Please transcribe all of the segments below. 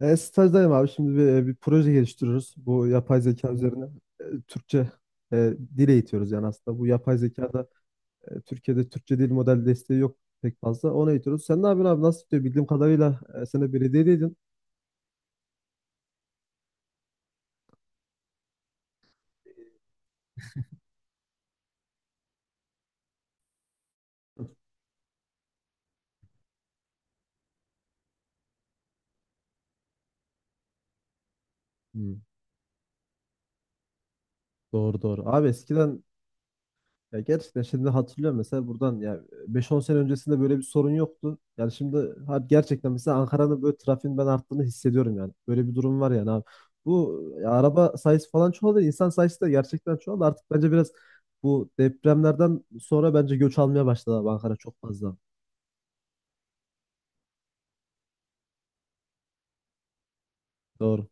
Stajdayım abi. Şimdi bir proje geliştiriyoruz. Bu yapay zeka üzerine Türkçe dil eğitiyoruz yani aslında. Bu yapay zekada Türkiye'de Türkçe dil model desteği yok pek fazla. Onu eğitiyoruz. Sen ne yapıyorsun abi? Nasıl gidiyor? Bildiğim kadarıyla sen de belediyedeydin. Hmm, doğru doğru. Abi eskiden. Ya gerçekten şimdi hatırlıyorum mesela buradan ya beş on sene öncesinde böyle bir sorun yoktu. Yani şimdi gerçekten mesela Ankara'nın böyle trafiğin ben arttığını hissediyorum yani. Böyle bir durum var yani abi. Bu ya araba sayısı falan çoğaldı. İnsan sayısı da gerçekten çoğaldı. Artık bence biraz bu depremlerden sonra bence göç almaya başladı abi, Ankara, çok fazla. Doğru.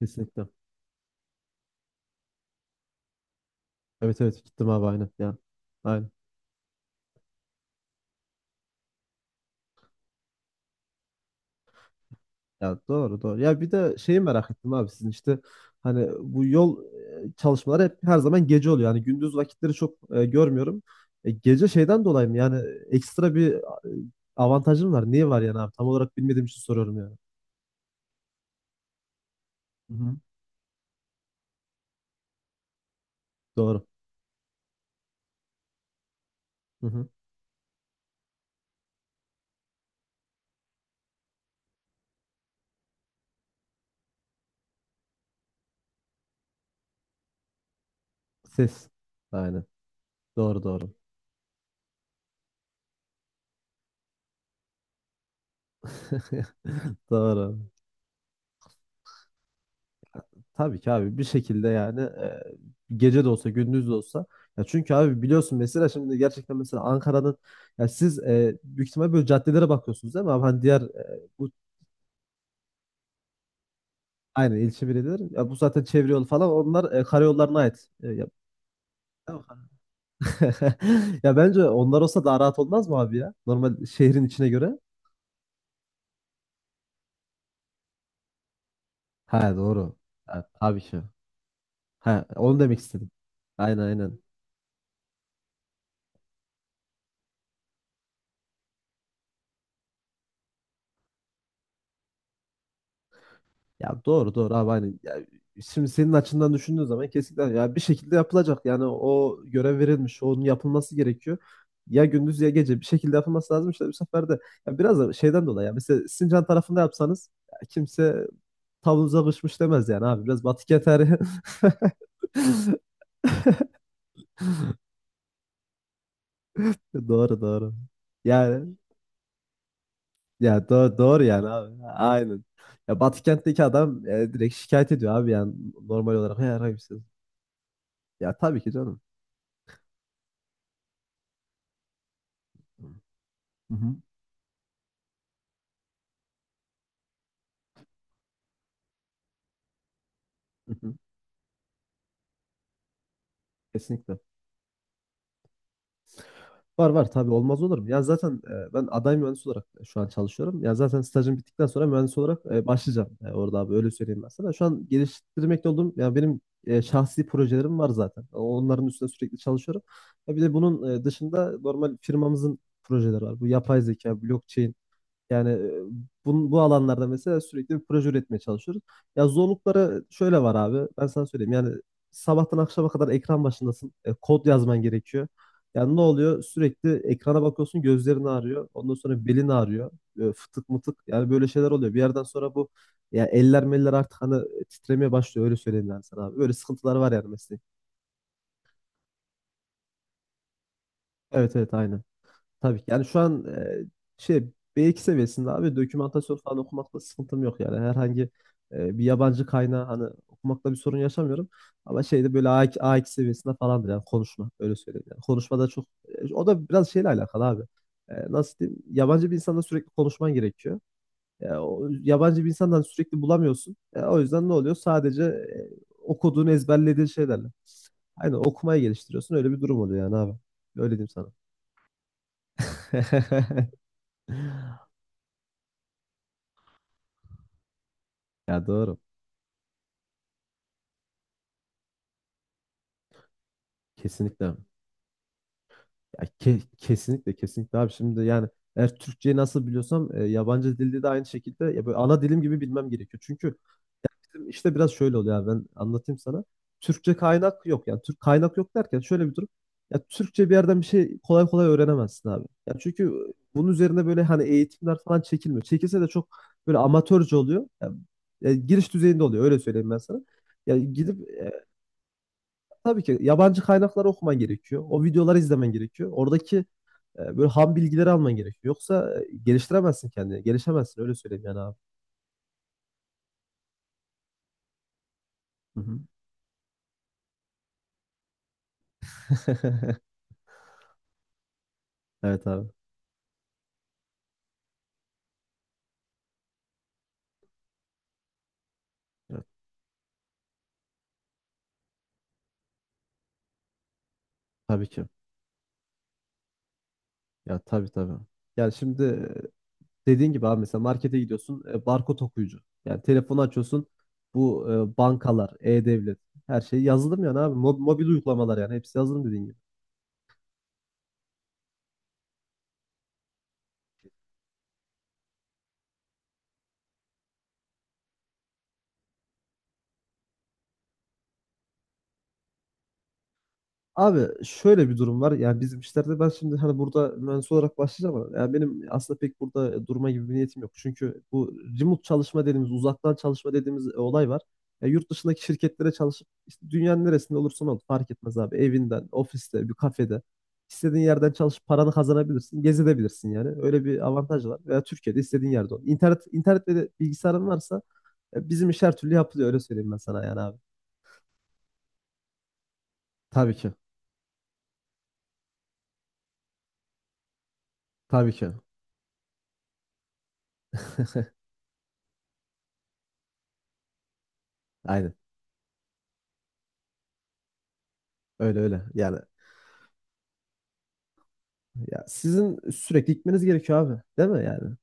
Kesinlikle. Evet evet, gittim abi aynen. Ya. Aynen. Ya doğru doğru. Ya bir de şeyi merak ettim abi, sizin işte hani bu yol çalışmaları hep her zaman gece oluyor. Yani gündüz vakitleri çok görmüyorum. Gece şeyden dolayı mı? Yani ekstra bir avantajım var. Niye var yani abi? Tam olarak bilmediğim için soruyorum yani. Hı hı. Doğru. Hı hı. Ses. Aynen. Doğru doğru. Doğru. Tabii ki abi, bir şekilde yani, gece de olsa gündüz de olsa, ya çünkü abi biliyorsun mesela şimdi gerçekten mesela Ankara'nın, ya siz büyük ihtimal böyle caddelere bakıyorsunuz değil mi abi, hani diğer bu aynı ilçe belediyeleri, ya bu zaten çevre yolu falan onlar karayollarına ait. Ya, ya bence onlar olsa daha rahat olmaz mı abi ya? Normal şehrin içine göre. Ha doğru. Ha, tabii ki. Ha, onu demek istedim. Aynen aynen. Ya doğru doğru abi, hani ya şimdi senin açından düşündüğün zaman kesinlikle ya bir şekilde yapılacak. Yani o görev verilmiş, onun yapılması gerekiyor. Ya gündüz ya gece bir şekilde yapılması lazım işte, bu sefer de ya biraz da şeyden dolayı, ya mesela Sincan tarafında yapsanız ya kimse tavuğunuza kışmış demez yani abi, biraz batık yeter. Doğru doğru. Yani ya doğru, doğru yani abi. Aynen. Ya Batı kentteki adam direkt şikayet ediyor abi, yani normal olarak. Ya, ya tabii ki canım. Hı hı. Hı hı. Kesinlikle. Var var, tabii, olmaz olur mu? Ya zaten ben aday mühendis olarak şu an çalışıyorum. Ya zaten stajım bittikten sonra mühendis olarak başlayacağım orada abi, öyle söyleyeyim ben sana. Şu an geliştirmekte olduğum, ya benim şahsi projelerim var zaten. Onların üstüne sürekli çalışıyorum. Ya bir de bunun dışında normal firmamızın projeleri var. Bu yapay zeka, blockchain. Yani bu alanlarda mesela sürekli bir proje üretmeye çalışıyoruz. Ya zorlukları şöyle var abi. Ben sana söyleyeyim. Yani sabahtan akşama kadar ekran başındasın. Kod yazman gerekiyor. Yani ne oluyor? Sürekli ekrana bakıyorsun, gözlerin ağrıyor. Ondan sonra belin ağrıyor. Fıtık mıtık. Yani böyle şeyler oluyor. Bir yerden sonra bu, ya eller meller artık hani titremeye başlıyor. Öyle söyleyeyim yani sana abi. Böyle sıkıntılar var yani mesela. Evet evet aynen. Tabii ki. Yani şu an şey B2 seviyesinde abi, dokümantasyon falan okumakla sıkıntım yok yani. Herhangi bir yabancı kaynağı hani okumakla bir sorun yaşamıyorum. Ama şeyde böyle A2, A2 seviyesinde falandır yani konuşma, öyle söyleyeyim. Yani konuşmada çok o da biraz şeyle alakalı abi. Nasıl diyeyim? Yabancı bir insanla sürekli konuşman gerekiyor. O, yabancı bir insandan sürekli bulamıyorsun. O yüzden ne oluyor? Sadece okuduğunu ezberlediğin şeylerle. Aynen, okumayı geliştiriyorsun. Öyle bir durum oluyor yani abi. Öyle diyeyim sana. Ya doğru. Kesinlikle. Ya kesinlikle kesinlikle abi, şimdi yani eğer Türkçeyi nasıl biliyorsam yabancı dilde de aynı şekilde ya böyle ana dilim gibi bilmem gerekiyor. Çünkü bizim işte biraz şöyle oluyor abi, ben anlatayım sana. Türkçe kaynak yok, yani Türk kaynak yok derken şöyle bir durum. Ya Türkçe bir yerden bir şey kolay kolay öğrenemezsin abi. Ya çünkü bunun üzerine böyle hani eğitimler falan çekilmiyor. Çekilse de çok böyle amatörce oluyor. Ya giriş düzeyinde oluyor, öyle söyleyeyim ben sana. Ya gidip tabii ki yabancı kaynakları okuman gerekiyor. O videoları izlemen gerekiyor. Oradaki böyle ham bilgileri alman gerekiyor. Yoksa geliştiremezsin kendini. Gelişemezsin, öyle söyleyeyim yani abi. Hı hı. Evet abi. Evet, tabii ki. Ya tabii tabii. Yani şimdi dediğin gibi abi, mesela markete gidiyorsun, barkod okuyucu. Yani telefonu açıyorsun, bu bankalar, e-devlet, her şey yazılım yani abi. Mobil uygulamalar, yani hepsi yazılım dediğin gibi. Abi şöyle bir durum var. Yani bizim işlerde ben şimdi hani burada mühendis olarak başlayacağım ama yani benim aslında pek burada durma gibi bir niyetim yok. Çünkü bu remote çalışma dediğimiz, uzaktan çalışma dediğimiz olay var. Ya yurt dışındaki şirketlere çalışıp işte dünyanın neresinde olursan ol fark etmez abi. Evinden, ofiste, bir kafede, istediğin yerden çalışıp paranı kazanabilirsin, gezebilirsin yani. Öyle bir avantaj var. Veya Türkiye'de istediğin yerde ol. İnternet internetle de bilgisayarın varsa bizim iş her türlü yapılıyor, öyle söyleyeyim ben sana yani abi. Tabii ki. Tabii ki. Aynen. Öyle öyle. Yani ya sizin sürekli gitmeniz gerekiyor abi. Değil mi yani?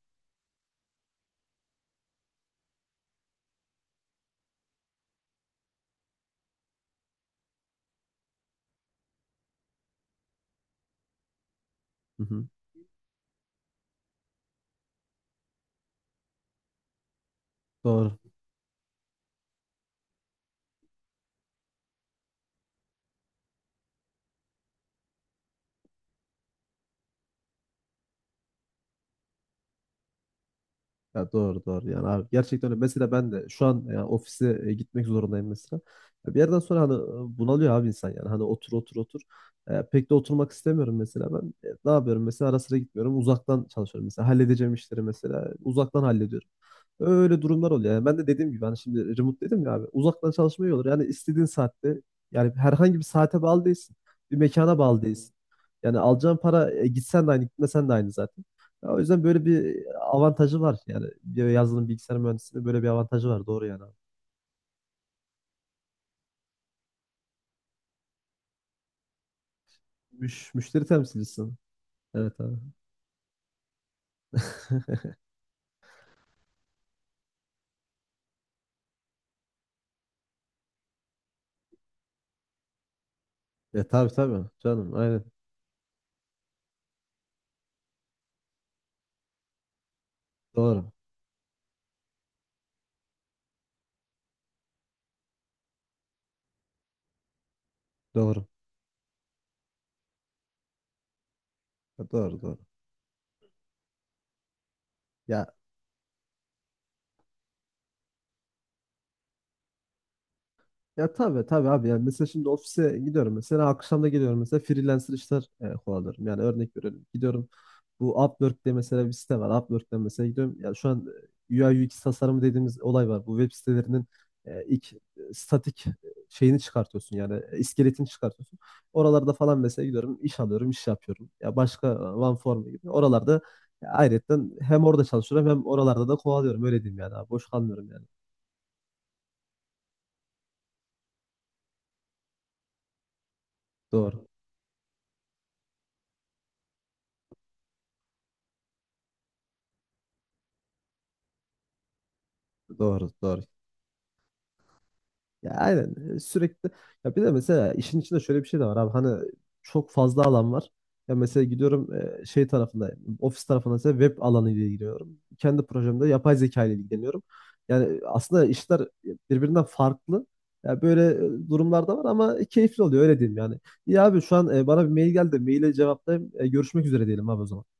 Hı hı. Doğru. Ya doğru doğru yani abi, gerçekten öyle. Mesela ben de şu an yani ofise gitmek zorundayım mesela. Ya bir yerden sonra hani bunalıyor abi insan, yani hani otur otur otur. Pek de oturmak istemiyorum mesela ben. Ne yapıyorum mesela, ara sıra gitmiyorum, uzaktan çalışıyorum, mesela halledeceğim işleri mesela uzaktan hallediyorum. Öyle durumlar oluyor. Yani ben de dediğim gibi hani şimdi remote dedim ya abi, uzaktan çalışma iyi olur. Yani istediğin saatte, yani herhangi bir saate bağlı değilsin. Bir mekana bağlı değilsin. Yani alacağın para, gitsen de aynı gitmesen de aynı zaten. Ya o yüzden böyle bir avantajı var yani. Bir Yazılım bilgisayar mühendisliğinde böyle bir avantajı var. Doğru yani abi. Müşteri temsilcisin. Evet abi. E tabii tabii. Canım aynen. Doğru. Doğru. Doğru doğru. Ya Ya tabii tabii abi, yani mesela şimdi ofise gidiyorum, mesela akşam da geliyorum, mesela freelancer işler kovalıyorum. Yani örnek veriyorum, gidiyorum, bu Upwork diye mesela bir site var. Upwork'ten mesela gidiyorum. Ya şu an UI UX tasarımı dediğimiz olay var. Bu web sitelerinin ilk statik şeyini çıkartıyorsun, yani iskeletini çıkartıyorsun. Oralarda falan mesela gidiyorum, iş alıyorum, iş yapıyorum. Ya başka OneForm gibi oralarda ayrıyetten hem orada çalışıyorum hem oralarda da kovalıyorum, öyle diyeyim yani abi. Boş kalmıyorum yani. Doğru. Doğru, doğru. Ya aynen, sürekli ya bir de mesela işin içinde şöyle bir şey de var abi, hani çok fazla alan var. Ya mesela gidiyorum, şey tarafında, ofis tarafında mesela web alanı ile ilgileniyorum. Kendi projemde yapay zeka ile ilgileniyorum. Yani aslında işler birbirinden farklı. Ya böyle durumlar da var ama keyifli oluyor, öyle diyeyim yani. Ya abi şu an bana bir mail geldi. Maile cevaplayayım. Görüşmek üzere diyelim abi o zaman.